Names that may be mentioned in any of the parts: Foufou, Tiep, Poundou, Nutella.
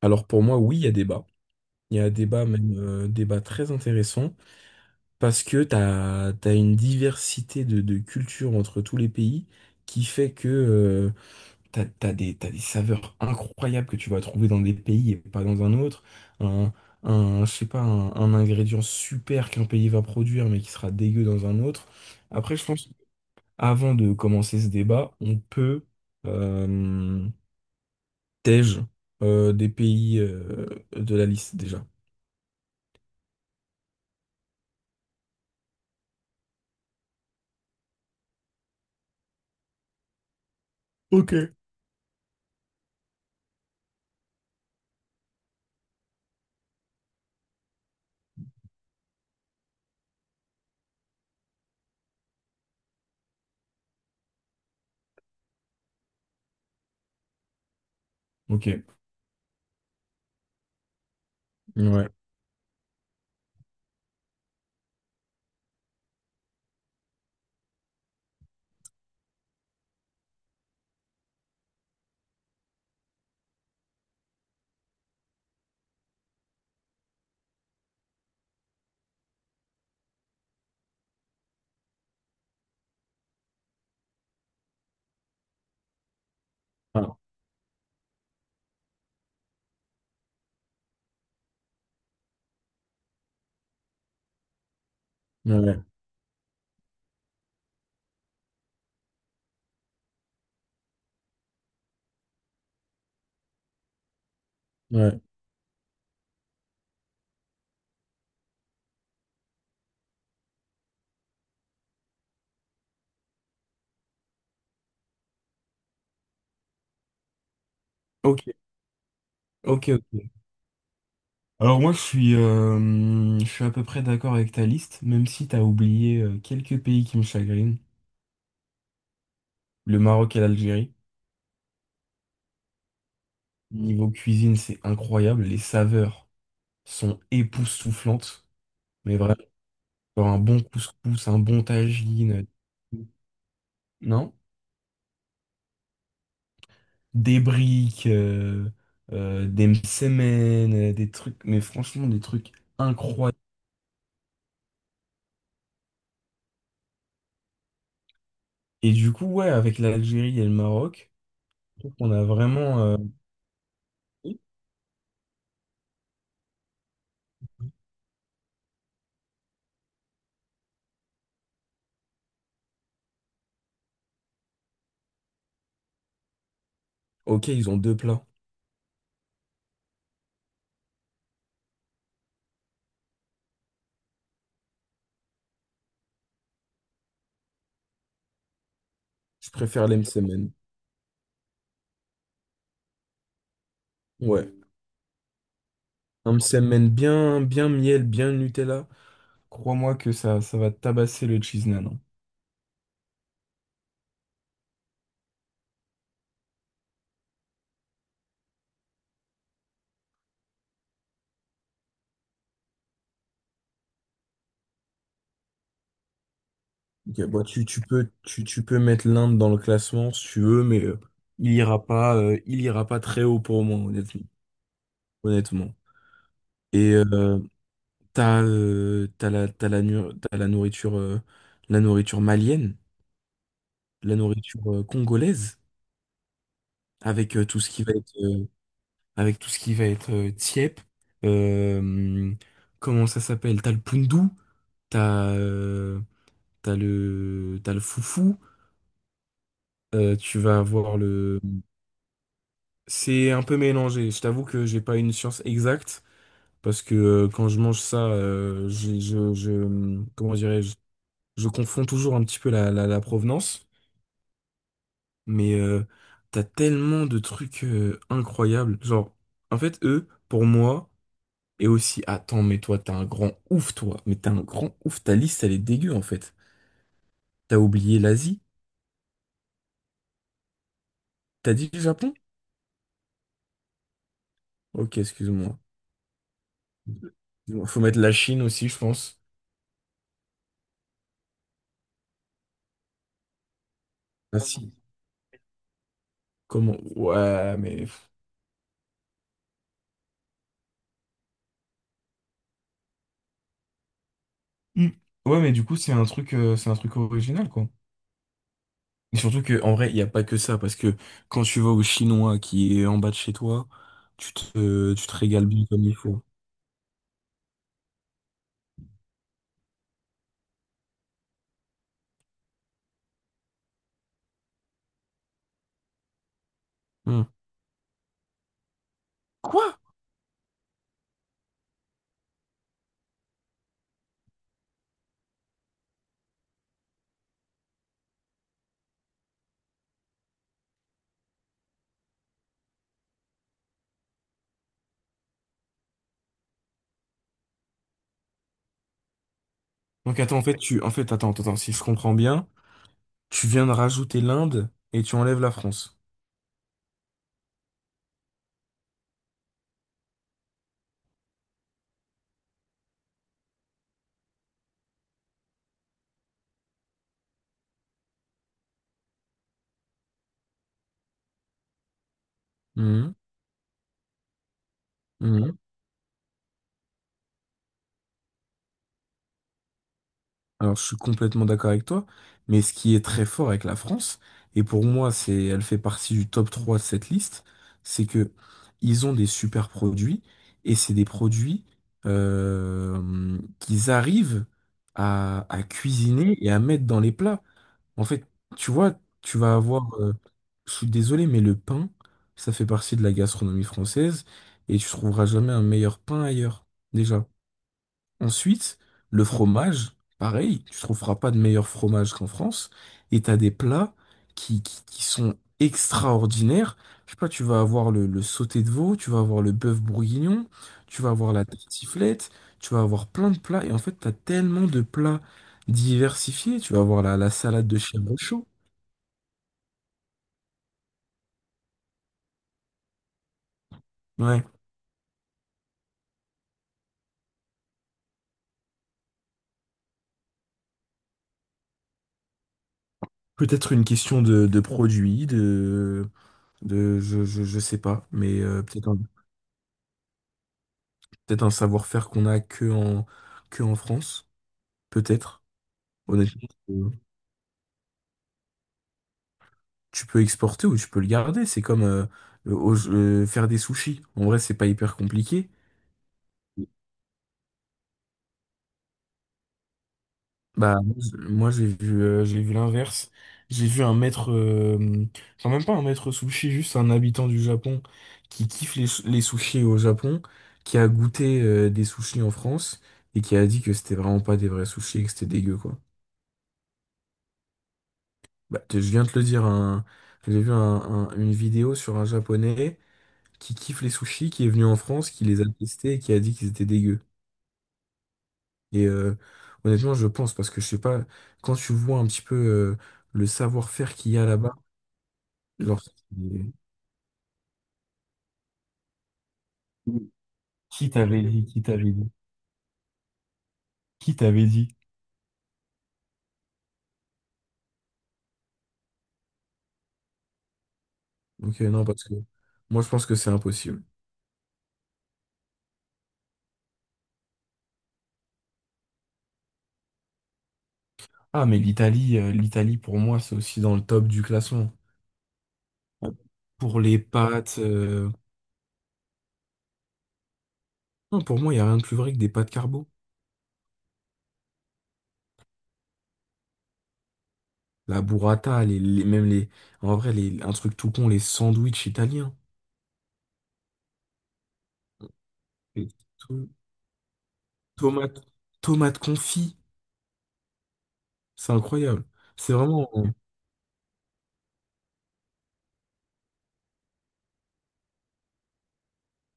Alors pour moi, oui, il y a débat. Il y a débat, même débat très intéressant, parce que t'as une diversité de cultures entre tous les pays qui fait que t'as des saveurs incroyables que tu vas trouver dans des pays et pas dans un autre. Un, je sais pas, un ingrédient super qu'un pays va produire mais qui sera dégueu dans un autre. Après, je pense, avant de commencer ce débat, on peut euh, tège des pays de la liste déjà. Ok. Ok, ouais. Ah, ouais, ouais. Ok, ok, ok. Alors moi, je suis à peu près d'accord avec ta liste, même si t'as oublié quelques pays qui me chagrinent. Le Maroc et l'Algérie. Niveau cuisine, c'est incroyable. Les saveurs sont époustouflantes. Mais vraiment, genre un bon couscous, un bon tagine, euh, non? Des briques, des msemen, des trucs, mais franchement, des trucs incroyables. Et du coup, ouais, avec l'Algérie et le Maroc. Je trouve qu'on a vraiment. Ok, ils ont deux plats. Je préfère les msemen. Ouais. Un msemen bien, bien miel, bien Nutella. Crois-moi que ça va tabasser le cheese naan, hein. Ok, bon, tu peux mettre l'Inde dans le classement si tu veux, mais il ira pas très haut pour moi, honnêtement. Honnêtement. Et t'as la nourriture malienne, la nourriture congolaise, avec tout ce qui va être Tiep, euh, comment ça s'appelle? T'as le Poundou, t'as euh, t'as le Foufou, tu vas avoir le. C'est un peu mélangé. Je t'avoue que j'ai pas une science exacte parce que quand je mange ça, comment dirais-je? Je confonds toujours un petit peu la provenance, mais t'as tellement de trucs incroyables. Genre, en fait, eux, pour moi. Et aussi, attends, mais toi, t'es un grand ouf, toi. Mais t'es un grand ouf. Ta liste, elle est dégueu, en fait. T'as oublié l'Asie? T'as dit le Japon? Ok, excuse-moi. Excuse-moi. Faut mettre la Chine aussi, je pense. Ah si. Comment? Ouais, mais... Hmm. Ouais, mais du coup, c'est un truc original, quoi. Et surtout que, en vrai, il n'y a pas que ça, parce que quand tu vas au Chinois qui est en bas de chez toi, tu te régales bien comme il faut. Hmm. Quoi? Donc attends, en fait, en fait, attends, attends, attends, si je comprends bien. Tu viens de rajouter l'Inde et tu enlèves la France. Mhm, mhm. Alors, je suis complètement d'accord avec toi, mais ce qui est très fort avec la France, et pour moi, c'est, elle fait partie du top 3 de cette liste, c'est que ils ont des super produits, et c'est des produits qu'ils arrivent à cuisiner et à mettre dans les plats. En fait, tu vois, tu vas avoir, je suis désolé, mais le pain, ça fait partie de la gastronomie française et tu trouveras jamais un meilleur pain ailleurs, déjà. Ensuite, le fromage, pareil, tu trouveras pas de meilleur fromage qu'en France et t'as des plats qui sont extraordinaires. Je sais pas, tu vas avoir le sauté de veau, tu vas avoir le bœuf bourguignon, tu vas avoir la tartiflette, tu vas avoir plein de plats et en fait, t'as tellement de plats diversifiés, tu vas avoir la salade de chèvre. Ouais. Peut-être une question de produit, de je sais pas, mais peut-être un savoir-faire qu'on a que en France, peut-être. Honnêtement, tu peux exporter ou tu peux le garder. C'est comme faire des sushis. En vrai, c'est pas hyper compliqué. Bah, moi, j'ai vu l'inverse. J'ai vu un maître, genre même pas un maître sushi, juste un habitant du Japon qui kiffe les sushis au Japon, qui a goûté, des sushis en France et qui a dit que c'était vraiment pas des vrais sushis et que c'était dégueu, quoi. Bah, je viens de te le dire, j'ai vu une vidéo sur un Japonais qui kiffe les sushis, qui est venu en France, qui les a testés et qui a dit qu'ils étaient dégueux. Et honnêtement, je pense, parce que je sais pas, quand tu vois un petit peu le savoir-faire qu'il y a là-bas, genre, c'est- Qui t'avait dit? Qui t'avait dit? Qui t'avait dit? Ok, non, parce que moi, je pense que c'est impossible. Ah, mais l'Italie, pour moi, c'est aussi dans le top du classement. Pour les pâtes, non, pour moi, il n'y a rien de plus vrai que des pâtes carbo. La burrata, même les, en vrai, les, un truc tout con, les sandwichs italiens. Les to- tomates, tomates confits. C'est incroyable. C'est vraiment,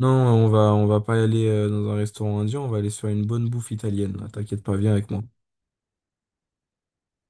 non, on va pas aller dans un restaurant indien, on va aller sur une bonne bouffe italienne, là. T'inquiète pas, viens avec moi.